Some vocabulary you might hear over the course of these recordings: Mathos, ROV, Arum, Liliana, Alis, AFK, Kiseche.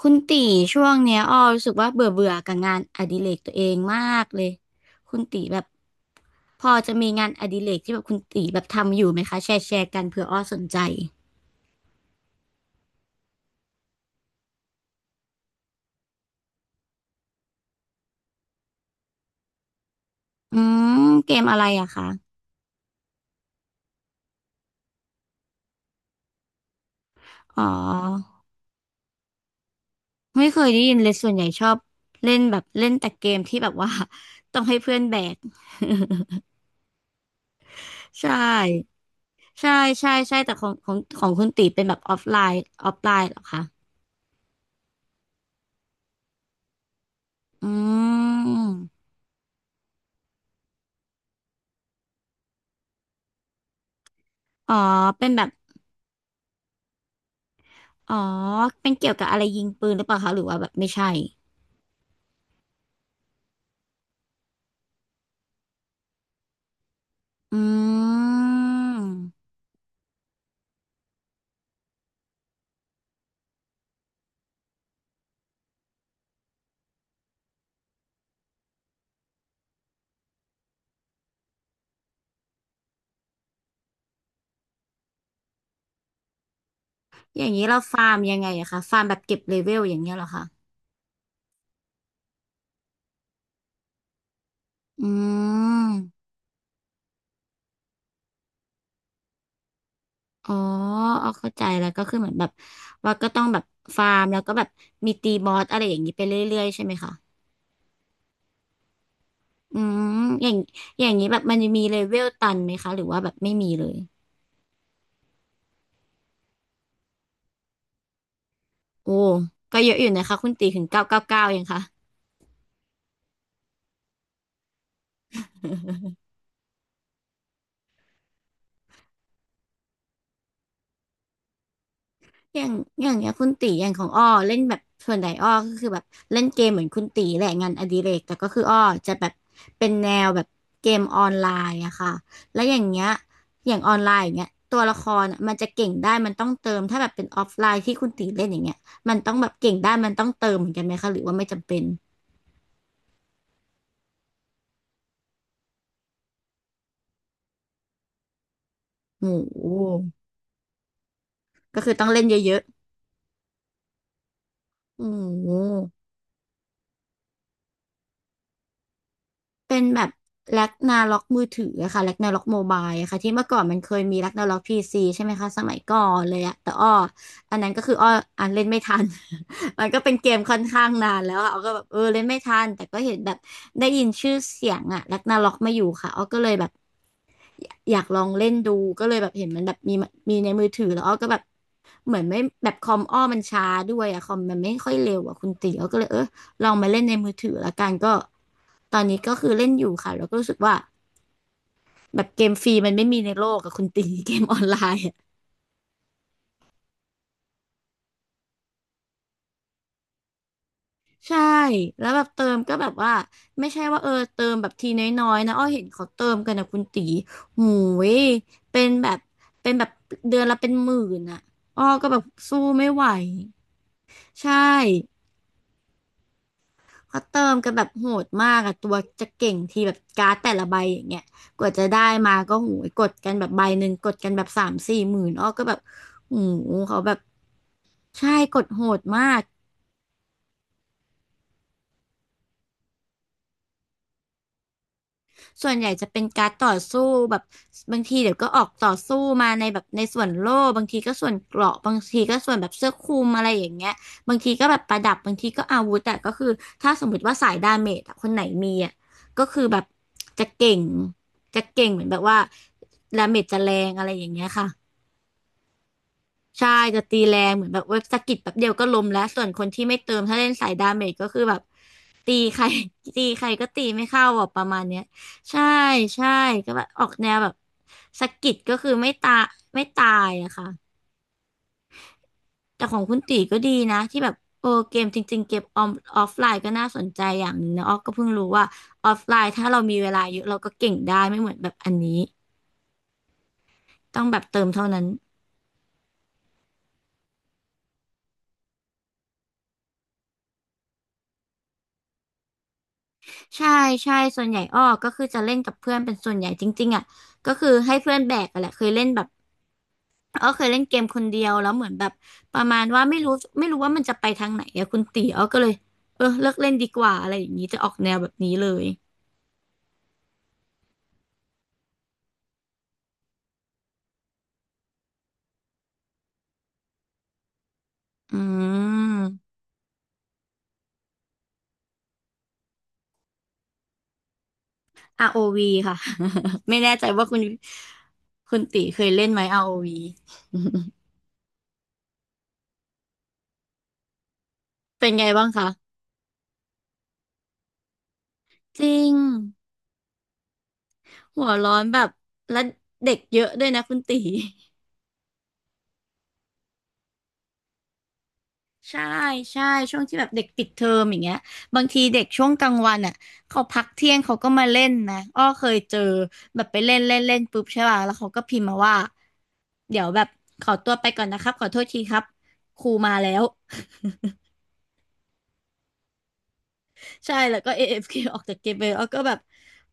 คุณตีช่วงเนี้ยอ้อรู้สึกว่าเบื่อเบื่อกับงานอดิเรกตัวเองมากเลยคุณตีแบบพอจะมีงานอดิเรกที่แบบคุณตีแบบทำอยู่ไหมคะแชร์กันเผื่ออ้อสนใจอืมเกมอะไรอะคะอ๋อไม่เคยได้ยินเลยส่วนใหญ่ชอบเล่นแบบเล่นแต่เกมที่แบบว่า ต้องให้เพื่อนแบก ใช่ใช่ใช่ใช่แต่ของคุณตีเป็นแบบออฟไลน์ออฟไลน์เหรอคะอืมอ๋อเป็นแบบ อ๋อเป็นเกี่ยวกับอะไรยิงปืนหรือเปล่าคะหรือว่าแบบไม่ใช่อืมอย่างนี้เราฟาร์มยังไงอะคะฟาร์มแบบเก็บเลเวลอย่างเงี้ยเหรอคะอืมอ๋อเอาเข้าใจแล้วก็คือเหมือนแบบว่าก็ต้องแบบฟาร์มแล้วก็แบบมีตีบอสอะไรอย่างนี้ไปเรื่อยๆใช่ไหมคะอืมอย่างอย่างนี้แบบมันจะมีเลเวลตันไหมคะหรือว่าแบบไม่มีเลยโอ้ก็เยอะอยู่นะคะคุณตีถึงเก้าเก้าเก้ายังคะ อย่างอย่างเงี้ยคุณตีอย่างของอ้อเล่นแบบส่วนใหญ่อ้อก็คือแบบเล่นเกมเหมือนคุณตีแหละงานอดิเรกแต่ก็คืออ้อจะแบบเป็นแนวแบบเกมออนไลน์อะค่ะแล้วอย่างเงี้ยอย่างออนไลน์อย่างเงี้ยตัวละครอะมันจะเก่งได้มันต้องเติมถ้าแบบเป็นออฟไลน์ที่คุณตีเล่นอย่างเงี้ยมันต้องแบบเก่งได้มันต้องเติมเหมือนกันไหมคะหรือว่าไม่จำเป็นโอ้โหก็คือต้องเล่นเยอะๆโอ้โห เป็นแบบแร็กนาล็อกมือถืออะค่ะแร็กนาล็อกโมบายอะค่ะที่เมื่อก่อนมันเคยมีแร็กนาล็อกพีซีใช่ไหมคะสมัยก่อนเลยอะแต่อ้ออันนั้นก็คืออ้ออ่านเล่นไม่ทัน มันก็เป็นเกมค่อนข้างนานแล้วอะอ้อก็แบบเออเล่นไม่ทันแต่ก็เห็นแบบได้ยินชื่อเสียงอะแร็กนาล็อกมาอยู่ค่ะอ้อก็เลยแบบอยากลองเล่นดูก็เลยแบบเห็นมันแบบมีในมือถือแล้วอ้อก็แบบเหมือนไม่แบบคอมอ้อมันช้าด้วยอะคอมมันไม่ค่อยเร็วอะคุณตีอ้อก็เลยเออ ลองมาเล่นในมือถือละกันก็ตอนนี้ก็คือเล่นอยู่ค่ะแล้วก็รู้สึกว่าแบบเกมฟรีมันไม่มีในโลกกับคุณตี เกมออนไลน์อะใช่แล้วแบบเติมก็แบบว่าไม่ใช่ว่าเออเติมแบบทีน้อยๆนะอ้อเห็นเขาเติมกันนะคุณตีหูยเป็นแบบเป็นแบบเดือนละเป็นหมื่นอ่ะอ้อก็แบบสู้ไม่ไหวใช่ เขาเติมกันแบบโหดมากอะตัวจะเก่งทีแบบการ์ดแต่ละใบอย่างเงี้ยกว่าจะได้มาก็หูยกดกันแบบใบหนึ่งกดกันแบบสามสี่หมื่นอ้อก็แบบหูเขาแบบใช่กดโหดมาก ส่วนใหญ่จะเป็นการต่อสู้แบบบางทีเดี๋ยวก็ออกต่อสู้มาในแบบในส่วนโล่บางทีก็ส่วนเกราะบางทีก็ส่วนแบบเสื้อคลุมอะไรอย่างเงี้ยบางทีก็แบบประดับบางทีก็อาวุธแต่ก็คือถ้าสมมติว่าสายดาเมจอะคนไหนมีอะก็คือแบบจะเก่งจะเก่งเหมือนแบบว่าดาเมจจะแรงอะไรอย่างเงี้ยค่ะ ใช่จะตีแรงเหมือนแบบเว็บสะกิดแป๊บเดียวก็ล้มแล้วส่วนคนที่ไม่เติมถ้าเล่นสายดาเมจก็คือแบบตีใคร ตีใครก็ตีไม่เข้าอ่ะประมาณเนี้ยใช่ใช่ก็แบบออกแนวแบบสะกิดก็คือไม่ตายอะค่ะแต่ของคุณตีก็ดีนะที่แบบโอ้เกมจริงๆเกบออมออฟไลน์ก็น่าสนใจอย่างหนึ่งนะออกก็เพิ่งรู้ว่าออฟไลน์ถ้าเรามีเวลาเยอะเราก็เก่งได้ไม่เหมือนแบบอันนี้ต้องแบบเติมเท่านั้น ใช่ใช่ส่วนใหญ่อ้อก็คือจะเล่นกับเพื่อนเป็นส่วนใหญ่จริงๆอ่ะก็คือให้เพื่อนแบกอะแหละเคยเล่นแบบอ้อเคยเล่นเกมคนเดียวแล้วเหมือนแบบประมาณว่าไม่รู้ว่ามันจะไปทางไหนอะคุณตีอ้อก็เลยเออเลิกเล่นดีกว่าอะไรอย่างนี้จะออกแนวแบบนี้เลยอืม ROV ค่ะ ไม่แน่ใจว่าคุณตีเคยเล่นไหม ROV เป็นไงบ้างคะจริงหัวร้อนแบบและเด็กเยอะด้วยนะคุณตี ใช่ใช่ช่วงที่แบบเด็กปิดเทอมอย่างเงี้ยบางทีเด็กช่วงกลางวันอ่ะเขาพักเที่ยงเขาก็มาเล่นนะอ้อเคยเจอแบบไปเล่นเล่นเล่นปุ๊บใช่ป่ะแล้วเขาก็พิมพ์มาว่าเดี๋ยวแบบขอตัวไปก่อนนะครับขอโทษทีครับครูมาแล้ว ใช่แล้วก็ AFK อเอฟเคออกจากเกมไปอ้อก็แบบ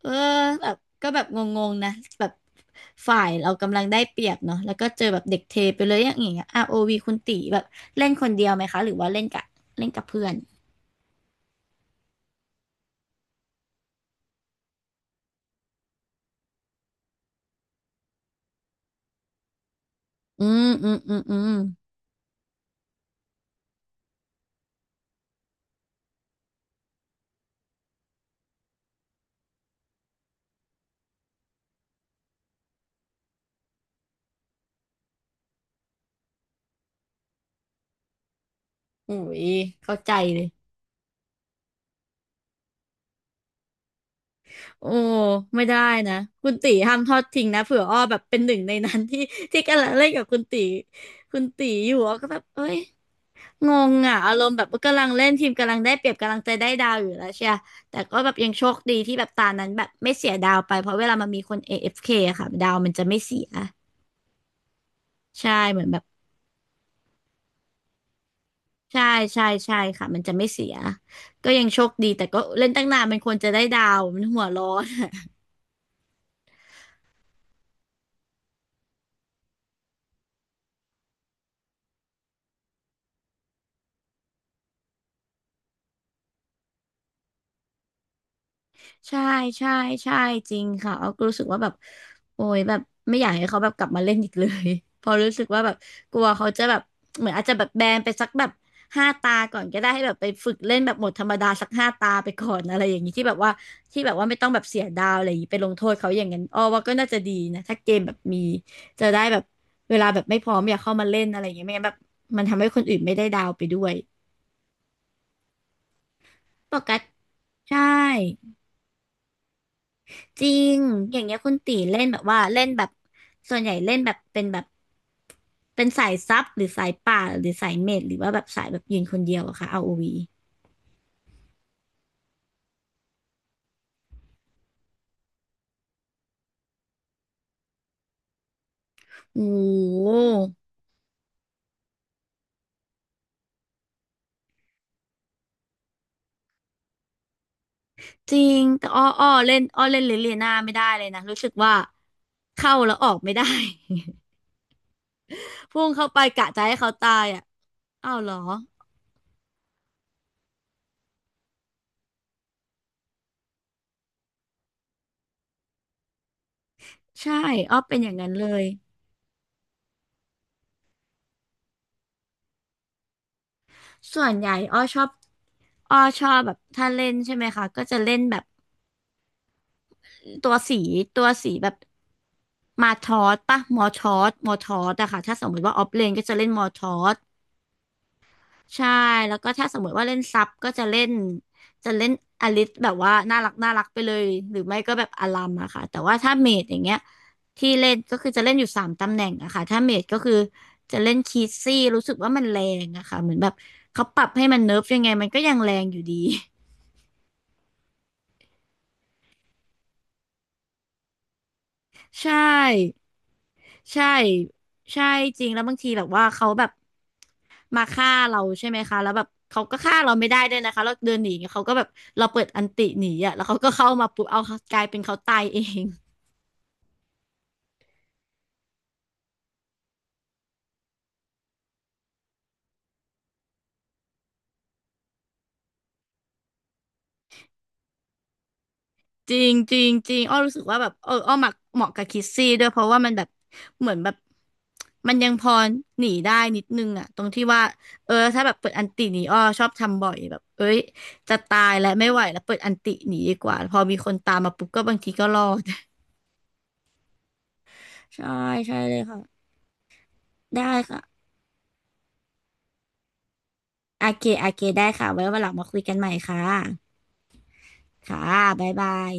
เออแบบก็แบบงงๆนะแบบฝ่ายเรากำลังได้เปรียบเนาะแล้วก็เจอแบบเด็กเทไปเลยอย่างเงี้ยอาร์โอวีคุณตีแบบเล่นคนเดียวไหมคะหรือว่าเล่นกับเพื่อน อืมอืมอืมอืมโอ้ยเข้าใจเลยโอ้ไม่ได้นะ คุณตีห้ามทอดทิ้งนะเผื่ออ้อแบบเป็นหนึ่งในนั้น ที่กำลังเล่นกับคุณตีคุณตีอยู่อ้อก็แบบเอ้ยงงอ่ะอารมณ์แบบกำลังเล่นทีมกำลังได้เปรียบกำลังใจะได้ดาวอยู่แล้วใช่ปะแต่ก็แบบยังโชคดีที่แบบตานั้นแบบไม่เสียดาวไป เพราะเวลามันมีคน AFK อเอฟเคอะค่ะดาวมันจะไม่เสียใช่เหมือนแบบใช่ใช่ใช่ค่ะมันจะไม่เสีย ก็ยังโชคดีแต่ก็เล่นตั้งนานมันควรจะได้ดาวมันหัวร้อน ใช่ใช่ใช่จริงค่ะเอาก็รู้สึกว่าแบบโอ้ยแบบไม่อยากให้เขาแบบกลับมาเล่นอีกเลย พอรู้สึกว่าแบบกลัวเขาจะแบบเหมือนอาจจะแบบแบนไปสักแบบห้าตาก่อนก็ได้ให้แบบไปฝึกเล่นแบบหมดธรรมดาสักห้าตาไปก่อนอะไรอย่างนี้ที่แบบว่าไม่ต้องแบบเสียดาวอะไรอย่างนี้ไปลงโทษเขาอย่างนั้นอ้อว่าก็น่าจะดีนะถ้าเกมแบบมีจะได้แบบเวลาแบบไม่พร้อมอยากเข้ามาเล่นอะไรอย่างเงี้ยไม่งั้นแบบมันทำให้คนอื่นไม่ได้ดาวไปด้วยปกัสใช่ จริง อย่างเงี้ยคุณตีเล่นแบบว่าเล่นแบบส่วนใหญ่เล่นแบบเป็นแบบเป็นสายซับหรือสายป่าหรือสายเมจหรือว่าแบบสายแบบยืนคนเดียวอะค่ะ ROV โอวีโอ้โหจริงแต่อ้ออ้อเล่นลิเลียนาไม่ได้เลยนะรู้สึกว่าเข้าแล้วออกไม่ได้ พุ่งเข้าไปกะจะให้เขาตายอ่ะอ้าวเหรอใช่อ้อเป็นอย่างนั้นเลยส่วนใหญ่อ้อชอบอ้อชอบแบบถ้าเล่นใช่ไหมคะก็จะเล่นแบบ ตัวสีตัวสีแบบมาทอสปะมอทอสมอทอสอะค่ะถ้าสมมติว่าออฟเลนก็จะเล่นมอทอสใช่แล้วก็ถ้าสมมติว่าเล่นซับก็จะเล่นจะเล่นอลิสแบบว่าน่ารักไปเลยหรือไม่ก็แบบอารัมอะค่ะแต่ว่าถ้าเมจอย่างเงี้ยที่เล่นก็คือจะเล่นอยู่สามตำแหน่งอะค่ะถ้าเมจก็คือจะเล่นคีซี่รู้สึกว่ามันแรงอะค่ะเหมือนแบบเขาปรับให้มันเนิร์ฟยังไงมันก็ยังแรงอยู่ดี ใช่ใช่ใช่จริงแล้วบางทีแบบว่าเขาแบบมาฆ่าเราใช่ไหมคะแล้วแบบเขาก็ฆ่าเราไม่ได้ด้วยนะคะเราเดินหนีเขาก็แบบเราเปิดอันติหนีอ่ะแล้วเขาก็เข้ามาปุ๊บเอากลายเป็นเขาตายเอง จริงจริงจริงอ้อรู้สึกว่าแบบเอออ้อมักเหมาะกับคิสซี่ด้วยเพราะว่ามันแบบเหมือนแบบมันยังพอหนีได้นิดนึงอะตรงที่ว่าเออถ้าแบบเปิดอันติหนีอ้อชอบทำบ่อยแบบเอ้ยจะตายแล้วไม่ไหวแล้วเปิดอันติหนีดีกว่าพอมีคนตามมาปุ๊บก็บางทีก็รอด ใช่ใช่เลยค่ะได้ค่ะโอเคได้ค่ะไว้วันหลังมาคุยกันใหม่ค่ะค่ะบ๊ายบาย